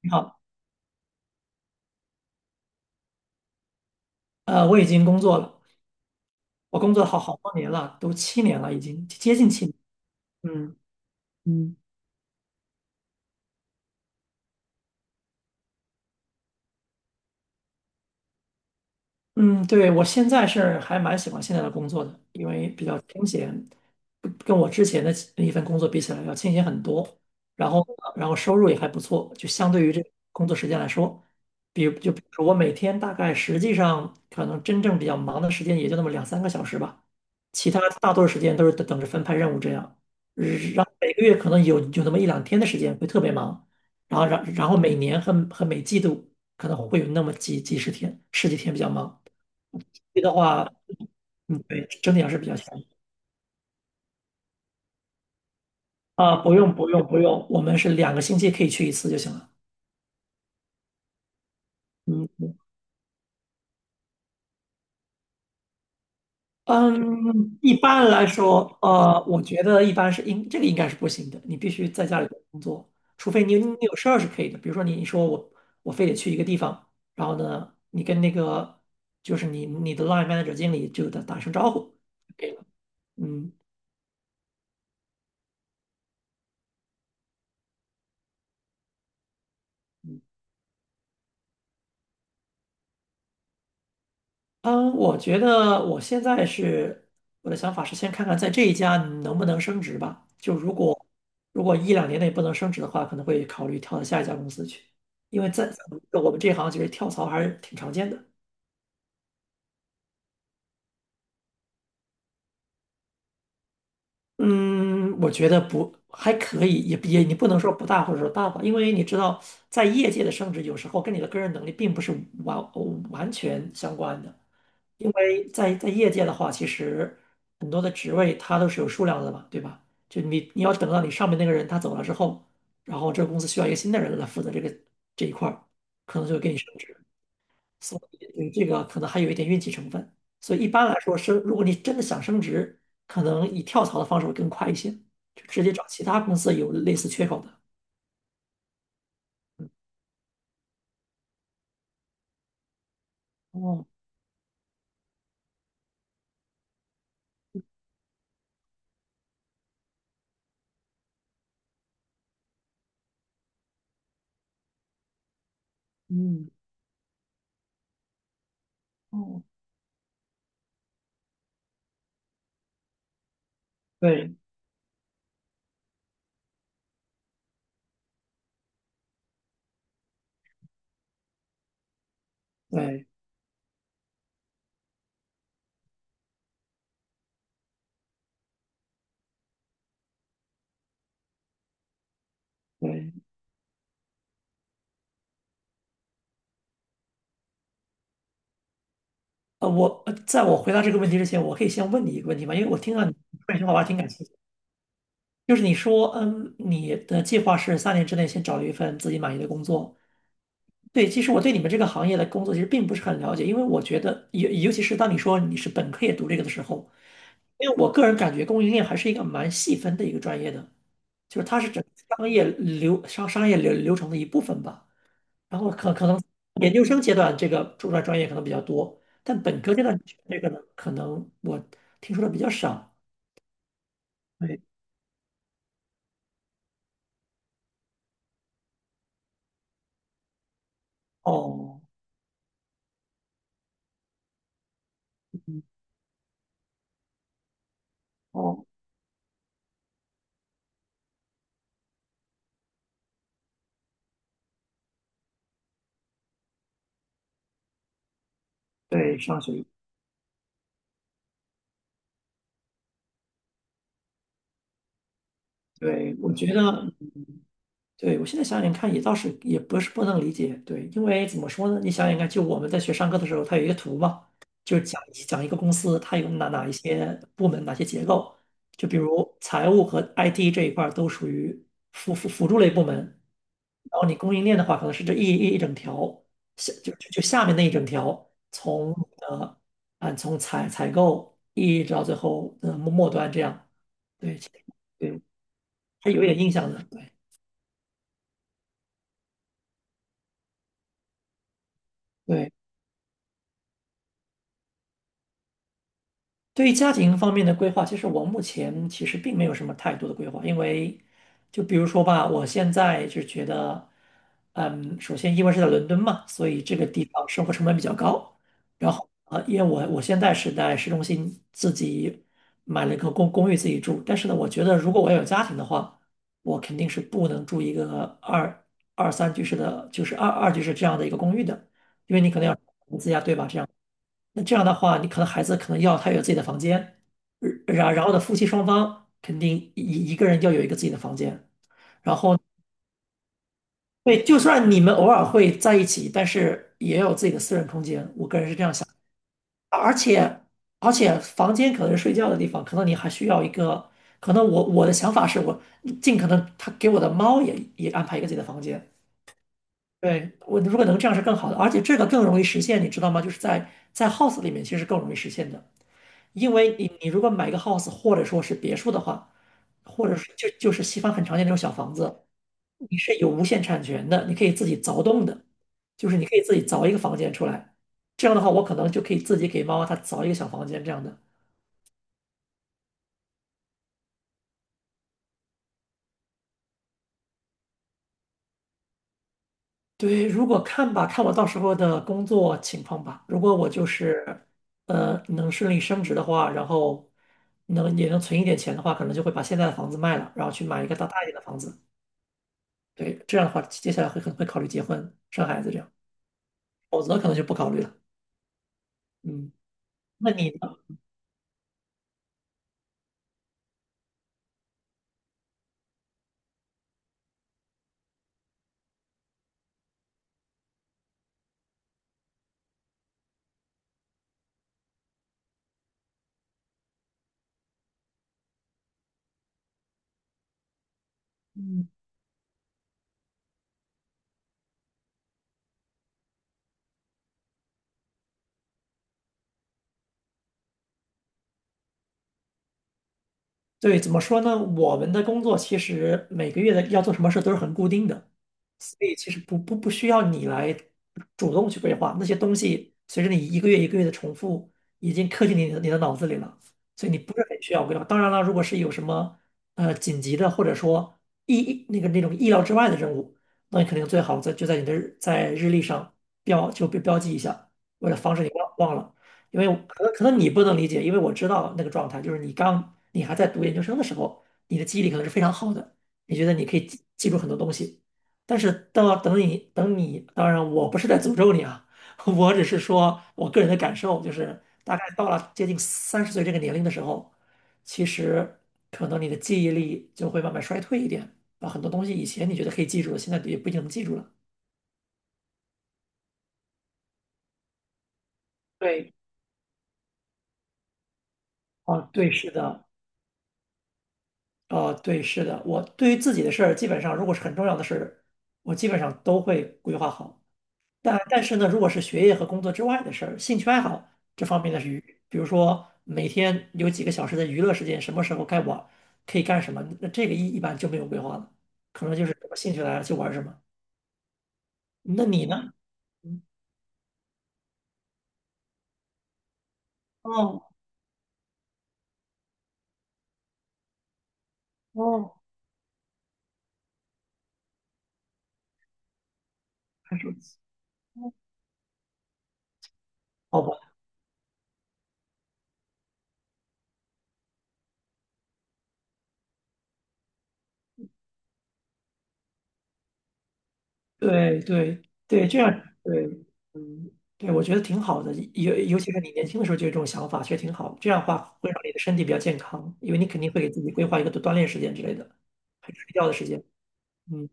你好，我已经工作了，我工作好多年了，都七年了，已经接近七年。嗯嗯。嗯，对，我现在是还蛮喜欢现在的工作的，因为比较清闲，不跟我之前的一份工作比起来要清闲很多。然后，然后收入也还不错，就相对于这工作时间来说，比如说我每天大概实际上可能真正比较忙的时间也就那么两三个小时吧，其他大多数时间都是等着分派任务这样。然后每个月可能有那么一两天的时间会特别忙，然后每年和每季度可能会有那么几几十天十几天比较忙。你的话，嗯，对，整体上是比较强啊。不用不用不用，我们是两个星期可以去一次就行了。嗯嗯，一般来说，我觉得一般是应这个应该是不行的，你必须在家里工作，除非你有事儿是可以的。比如说你说我非得去一个地方，然后呢，你跟就是你的 line manager 经理就打声招呼，可以了。嗯。嗯嗯，我觉得我的想法是先看看在这一家能不能升职吧。就如果一两年内不能升职的话，可能会考虑跳到下一家公司去，因为在我们这行其实跳槽还是挺常见的。嗯，我觉得不还可以，也你不能说不大或者说大吧，因为你知道在业界的升职有时候跟你的个人能力并不是完完全相关的。因为在业界的话，其实很多的职位它都是有数量的嘛，对吧？就你要等到你上面那个人他走了之后，然后这个公司需要一个新的人来负责这一块儿，可能就会给你升职。所以对这个可能还有一点运气成分。所以一般来说如果你真的想升职，可能以跳槽的方式会更快一些，就直接找其他公司有类似缺口的。哦，嗯，哦，对对对。在我回答这个问题之前，我可以先问你一个问题吗？因为我听到你说一句话，我还挺感兴趣的就是你说，你的计划是三年之内先找一份自己满意的工作。对，其实我对你们这个行业的工作其实并不是很了解，因为我觉得，尤其是当你说你是本科也读这个的时候，因为我个人感觉供应链还是一个蛮细分的一个专业的，就是它是整个商业流程的一部分吧。然后可能研究生阶段这个专业可能比较多，但本科阶段选这个呢，可能我听说的比较少。对，哦嗯哦，对，上学，对，我觉得。对，我现在想想看，也倒是也不是不能理解，对，因为怎么说呢？你想想看，就我们在学上课的时候，它有一个图嘛，就是讲讲一个公司它有哪一些部门、哪些结构，就比如财务和 IT 这一块儿都属于辅助类部门，然后你供应链的话，可能是这一整条，下就就就下面那一整条，呃从采购一直到最后末端这样，对，其实对，还有一点印象的，对。对。对于家庭方面的规划，其实我目前其实并没有什么太多的规划，因为就比如说吧，我现在就觉得，首先因为是在伦敦嘛，所以这个地方生活成本比较高，然后因为我现在是在市中心自己买了一个公寓自己住，但是呢，我觉得如果我要有家庭的话，我肯定是不能住一个二三居室的，就是二居室这样的一个公寓的，因为你可能要投资呀，对吧？这样。那这样的话，你可能孩子可能要他有自己的房间，然后呢，夫妻双方肯定一个人要有一个自己的房间，然后对，就算你们偶尔会在一起，但是也要有自己的私人空间。我个人是这样想，而且而且房间可能是睡觉的地方，可能你还需要一个，可能我的想法是我尽可能他给我的猫也安排一个自己的房间。对，我如果能这样是更好的，而且这个更容易实现，你知道吗？就是在 house 里面其实更容易实现的。因为你如果买一个 house 或者说是别墅的话，或者是就是西方很常见那种小房子，你是有无限产权的，你可以自己凿洞的，就是你可以自己凿一个房间出来。这样的话，我可能就可以自己给猫猫它凿一个小房间这样的。对，如果看吧，看我到时候的工作情况吧。如果我就是能顺利升职的话，然后也能存一点钱的话，可能就会把现在的房子卖了，然后去买一个大一点的房子。对，这样的话，接下来可能会考虑结婚、生孩子这样，否则可能就不考虑了。嗯，那你呢？嗯，对，怎么说呢？我们的工作其实每个月的要做什么事都是很固定的，所以其实不需要你来主动去规划那些东西，随着你一个月一个月的重复，已经刻进你的脑子里了，所以你不是很需要规划。当然了，如果是有什么紧急的，或者说意那个那种意料之外的任务，那你肯定最好在你的日历上标就标标记一下，为了防止你忘了。因为可能你不能理解，因为我知道那个状态，就是你还在读研究生的时候，你的记忆力可能是非常好的，你觉得你可以记住很多东西。但是到等你，当然我不是在诅咒你啊，我只是说我个人的感受，就是大概到了接近30岁这个年龄的时候，其实可能你的记忆力就会慢慢衰退一点，啊，很多东西以前你觉得可以记住的，现在也不一定能记住了。对，啊，对，是的，啊，对，是的，我对于自己的事儿，基本上如果是很重要的事儿，我基本上都会规划好。但是呢，如果是学业和工作之外的事儿，兴趣爱好这方面的比如说每天有几个小时的娱乐时间，什么时候该玩，可以干什么，那这个一般就没有规划了，可能就是什么兴趣来了就玩什么。那你呢？嗯哦哦，还手机，好吧，对对对，这样对，嗯，对，我觉得挺好的，尤其是你年轻的时候就有这种想法，其实挺好，这样的话会让你的身体比较健康，因为你肯定会给自己规划一个锻炼时间之类的，还有睡觉的时间。嗯。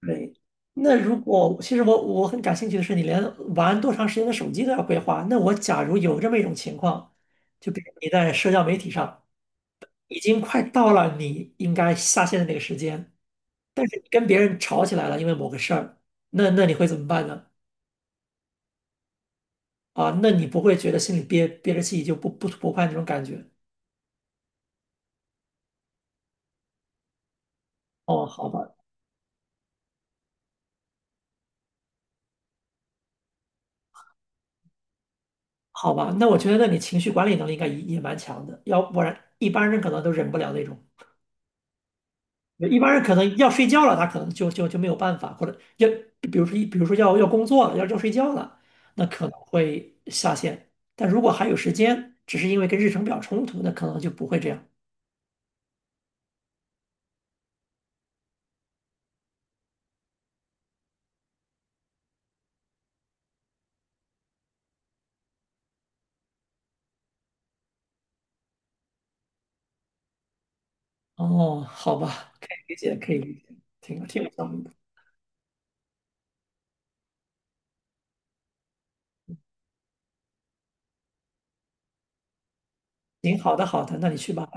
对，那如果其实我很感兴趣的是，你连玩多长时间的手机都要规划。那我假如有这么一种情况，就比如你在社交媒体上已经快到了你应该下线的那个时间，但是你跟别人吵起来了，因为某个事儿，那你会怎么办呢？啊，那你不会觉得心里憋着气就不快那种感觉？哦，好吧，好吧，那我觉得那你情绪管理能力应该也蛮强的，要不然一般人可能都忍不了那种。一般人可能要睡觉了，他可能就没有办法，或者要比如说要工作了，要睡觉了，那可能会下线。但如果还有时间，只是因为跟日程表冲突，那可能就不会这样。哦，好吧，可以理解，可以理解，挺有道理的。行，好的好的，那你去吧。